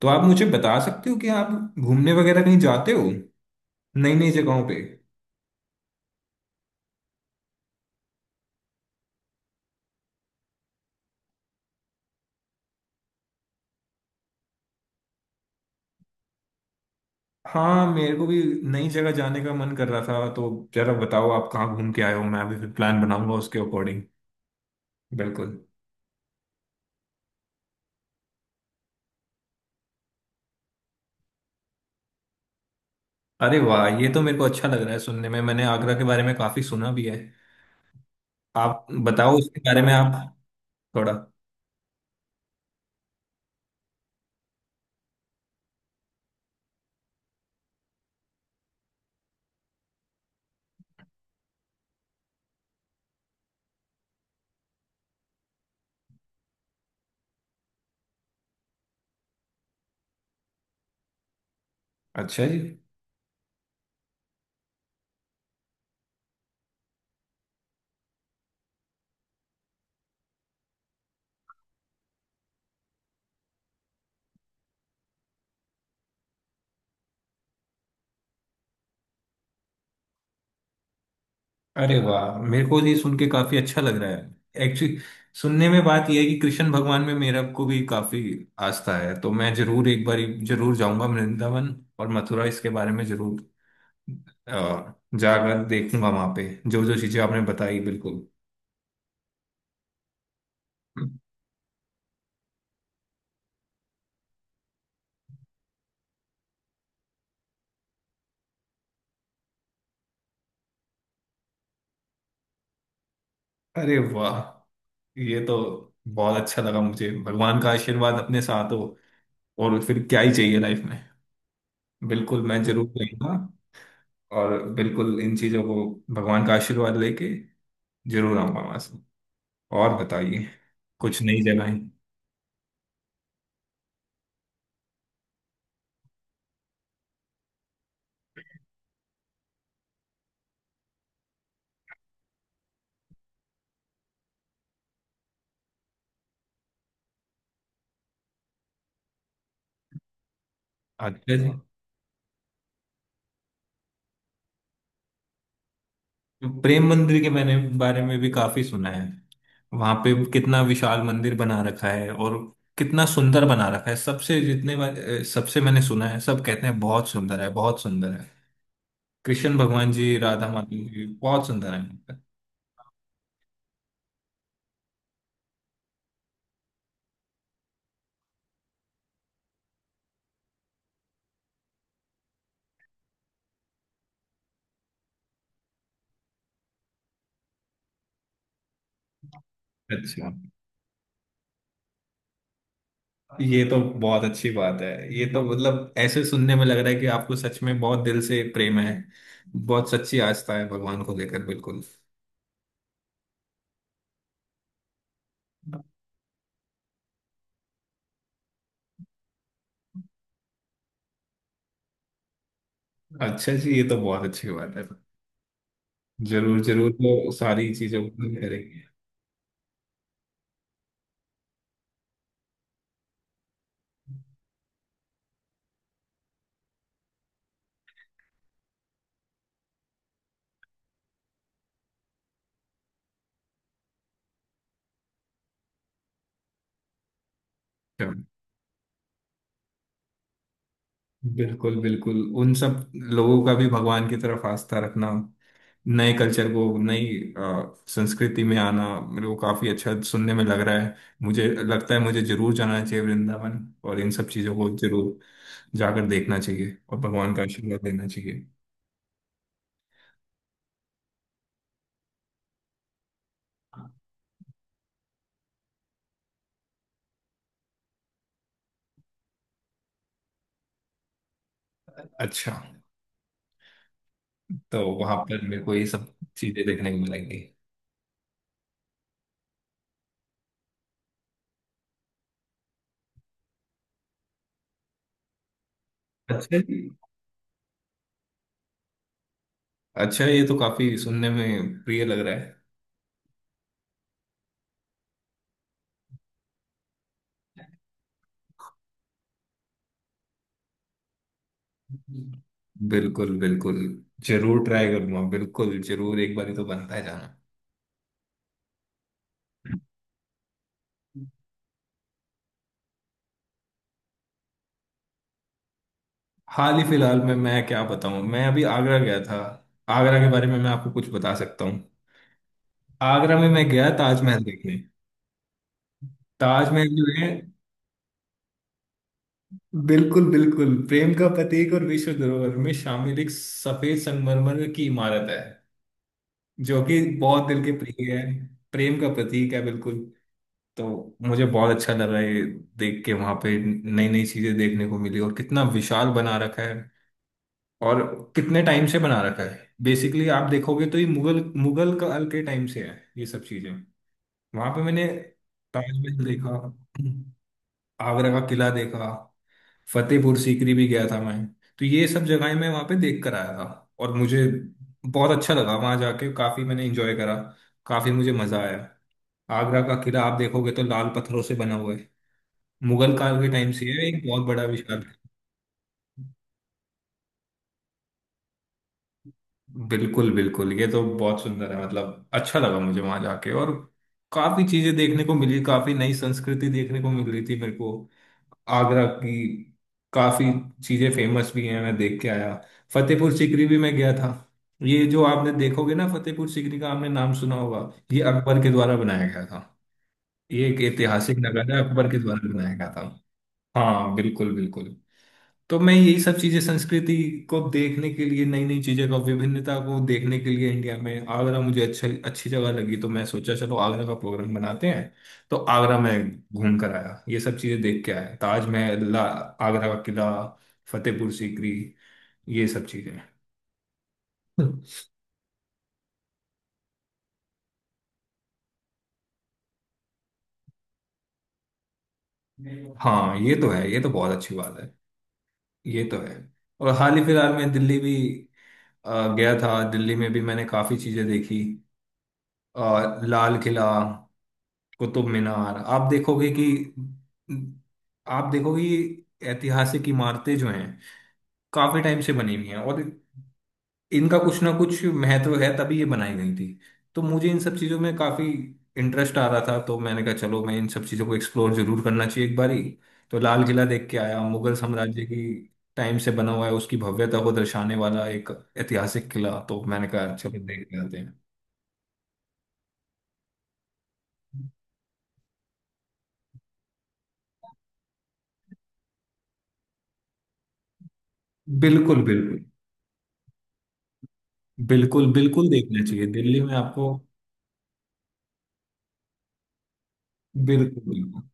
तो आप मुझे बता सकते हो कि आप घूमने वगैरह कहीं जाते हो नई नई जगहों पे। हाँ मेरे को भी नई जगह जाने का मन कर रहा था तो जरा बताओ आप कहाँ घूम के आए हो। मैं भी फिर प्लान बनाऊंगा उसके अकॉर्डिंग। बिल्कुल। अरे वाह, ये तो मेरे को अच्छा लग रहा है सुनने में। मैंने आगरा के बारे में काफी सुना भी है। आप बताओ उसके बारे में। आप थोड़ा। अच्छा जी। अरे वाह, मेरे को ये सुन के काफी अच्छा लग रहा है एक्चुअली। सुनने में बात यह है कि कृष्ण भगवान में मेरा को भी काफी आस्था है। तो मैं जरूर एक बार जरूर जाऊंगा वृंदावन और मथुरा। इसके बारे में जरूर अ, जाकर देखूंगा वहां पे जो जो चीजें आपने बताई। बिल्कुल। अरे वाह, ये तो बहुत अच्छा लगा मुझे। भगवान का आशीर्वाद अपने साथ हो और फिर क्या ही चाहिए लाइफ में। बिल्कुल मैं जरूर जाऊंगा और बिल्कुल इन चीजों को भगवान का आशीर्वाद लेके जरूर आऊंगा मैं सर। और बताइए कुछ नई जगह। अच्छा जी। प्रेम मंदिर के मैंने बारे में भी काफी सुना है। वहां पे कितना विशाल मंदिर बना रखा है और कितना सुंदर बना रखा है। सबसे जितने बार सबसे मैंने सुना है सब कहते हैं बहुत सुंदर है, बहुत सुंदर है। कृष्ण भगवान जी, राधा माता जी बहुत सुंदर है। अच्छा, ये तो बहुत अच्छी बात है। ये तो मतलब ऐसे सुनने में लग रहा है कि आपको सच में बहुत दिल से प्रेम है। बहुत सच्ची आस्था है भगवान को लेकर बिल्कुल। अच्छा जी, ये तो बहुत अच्छी बात है। जरूर जरूर तो सारी चीजों को करेंगे। चलो, बिल्कुल बिल्कुल उन सब लोगों का भी भगवान की तरफ आस्था रखना। नए कल्चर को नई संस्कृति में आना मेरे को काफी अच्छा सुनने में लग रहा है। मुझे लगता है मुझे जरूर जाना चाहिए वृंदावन और इन सब चीजों को जरूर जाकर देखना चाहिए और भगवान का आशीर्वाद लेना चाहिए। अच्छा, तो वहां पर मेरे को ये सब चीजें देखने को मिलेंगी। अच्छा। अच्छा, ये तो काफी सुनने में प्रिय लग रहा है। बिल्कुल बिल्कुल जरूर ट्राई करूंगा, बिल्कुल जरूर। एक बार ही तो बनता है जाना। हाल ही फिलहाल में मैं क्या बताऊं, मैं अभी आगरा गया था। आगरा के बारे में मैं आपको कुछ बता सकता हूँ। आगरा में मैं गया ताजमहल देखने। ताजमहल जो है बिल्कुल बिल्कुल प्रेम का प्रतीक और विश्व धरोहर में शामिल एक सफेद संगमरमर की इमारत है जो कि बहुत दिल के प्रिय है। प्रेम का प्रतीक है बिल्कुल। तो मुझे बहुत अच्छा लगा ये देख के। वहां पे नई नई चीजें देखने को मिली और कितना विशाल बना रखा है और कितने टाइम से बना रखा है। बेसिकली आप देखोगे तो ये मुगल मुगल काल के टाइम से है ये सब चीजें। वहां पे मैंने ताजमहल देखा, आगरा का किला देखा, फतेहपुर सीकरी भी गया था मैं। तो ये सब जगहें मैं वहां पे देख कर आया था। और मुझे बहुत अच्छा लगा वहां जाके। काफी मैंने एंजॉय करा, काफी मुझे मजा आया। आगरा का किला आप देखोगे तो लाल पत्थरों से बना हुआ है मुगल काल के टाइम से। ये एक बहुत बड़ा विशाल। बिल्कुल बिल्कुल, ये तो बहुत सुंदर है। मतलब अच्छा लगा मुझे वहां जाके और काफी चीजें देखने को मिली। काफी नई संस्कृति देखने को मिल रही थी मेरे को आगरा की। काफी चीजें फेमस भी हैं, मैं देख के आया। फतेहपुर सीकरी भी मैं गया था। ये जो आपने देखोगे ना, फतेहपुर सीकरी का आपने नाम सुना होगा। ये अकबर के द्वारा बनाया गया था। ये एक ऐतिहासिक नगर है, अकबर के द्वारा बनाया गया था। हाँ बिल्कुल बिल्कुल। तो मैं यही सब चीजें संस्कृति को देखने के लिए, नई नई चीजें का विभिन्नता को देखने के लिए, इंडिया में आगरा मुझे अच्छा अच्छी जगह लगी। तो मैं सोचा चलो आगरा का प्रोग्राम बनाते हैं। तो आगरा में घूम कर आया, ये सब चीजें देख के आया। ताजमहल, आगरा का किला, फतेहपुर सीकरी, ये सब चीजें। हाँ ये तो है, ये तो बहुत अच्छी बात है। ये तो है। और हाल ही फिलहाल में दिल्ली भी गया था। दिल्ली में भी मैंने काफी चीजें देखी, लाल किला, कुतुब मीनार। आप देखोगे कि ऐतिहासिक इमारतें जो हैं काफी टाइम से बनी हुई हैं और इनका कुछ ना कुछ महत्व है तभी ये बनाई गई थी। तो मुझे इन सब चीजों में काफी इंटरेस्ट आ रहा था। तो मैंने कहा चलो मैं इन सब चीजों को एक्सप्लोर जरूर करना चाहिए एक बारी। तो लाल किला देख के आया, मुगल साम्राज्य की टाइम से बना हुआ है उसकी भव्यता को दर्शाने वाला एक ऐतिहासिक किला। तो मैंने कहा चलो देख के आते हैं। बिल्कुल बिल्कुल। बिल्कुल बिल्कुल देखना चाहिए दिल्ली में आपको। बिल्कुल बिल्कुल।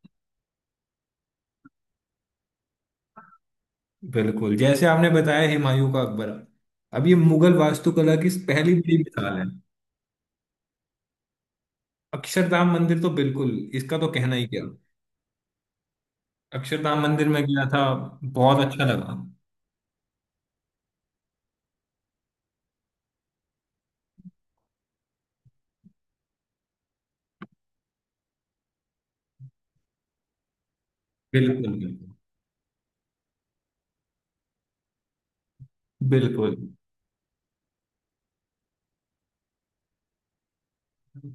बिल्कुल जैसे आपने बताया हुमायूं का मकबरा, अब ये मुगल वास्तुकला की पहली बड़ी मिसाल है। अक्षरधाम मंदिर तो बिल्कुल, इसका तो कहना ही क्या। अक्षरधाम मंदिर में गया था, बहुत अच्छा लगा। बिल्कुल बिल्कुल। बिल्कुल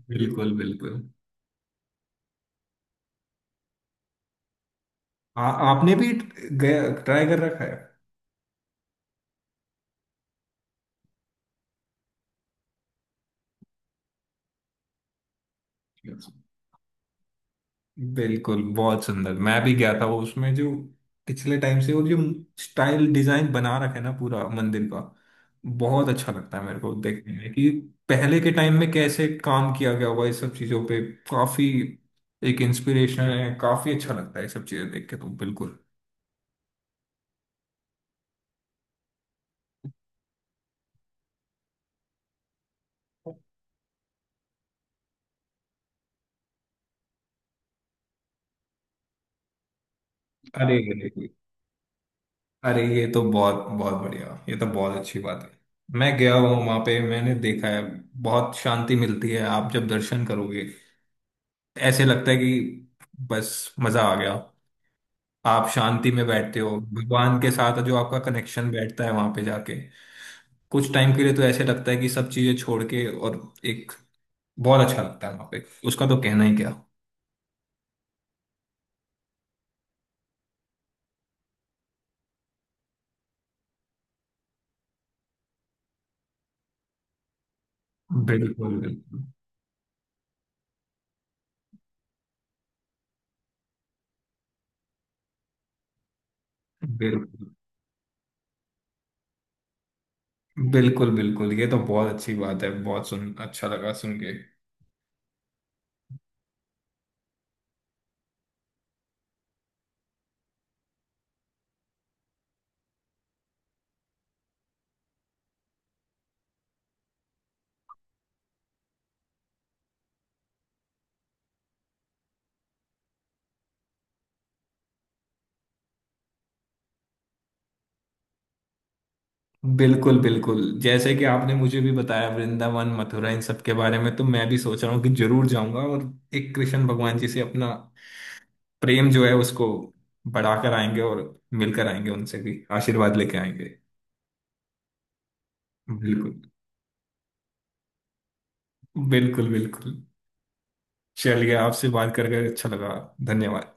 बिल्कुल। बिल्कुल आ, आपने भी ट्राई कर रखा है। बिल्कुल बहुत सुंदर। मैं भी गया था वो। उसमें जो पिछले टाइम से वो जो स्टाइल डिजाइन बना रखे ना पूरा मंदिर का, बहुत अच्छा लगता है मेरे को देखने में कि पहले के टाइम में कैसे काम किया गया हुआ इस सब चीजों पे। काफी एक इंस्पिरेशन है, काफी अच्छा लगता है ये सब चीजें देख के तो बिल्कुल। अरे अरे, अरे ये तो बहुत बहुत बढ़िया। ये तो बहुत अच्छी बात है। मैं गया हूँ वहां पे, मैंने देखा है। बहुत शांति मिलती है आप जब दर्शन करोगे। ऐसे लगता है कि बस मजा आ गया। आप शांति में बैठते हो, भगवान के साथ जो आपका कनेक्शन बैठता है वहां पे जाके। कुछ टाइम के लिए तो ऐसे लगता है कि सब चीजें छोड़ के और एक बहुत अच्छा लगता है वहां पे, उसका तो कहना ही क्या। बिल्कुल। बिल्कुल बिल्कुल। बिल्कुल बिल्कुल, ये तो बहुत अच्छी बात है, बहुत सुन अच्छा लगा सुन के। बिल्कुल बिल्कुल जैसे कि आपने मुझे भी बताया वृंदावन मथुरा इन सब के बारे में, तो मैं भी सोच रहा हूँ कि जरूर जाऊंगा और एक कृष्ण भगवान जी से अपना प्रेम जो है उसको बढ़ाकर आएंगे और मिलकर आएंगे, उनसे भी आशीर्वाद लेके आएंगे। बिल्कुल। बिल्कुल बिल्कुल। चलिए आपसे बात करके अच्छा लगा, धन्यवाद।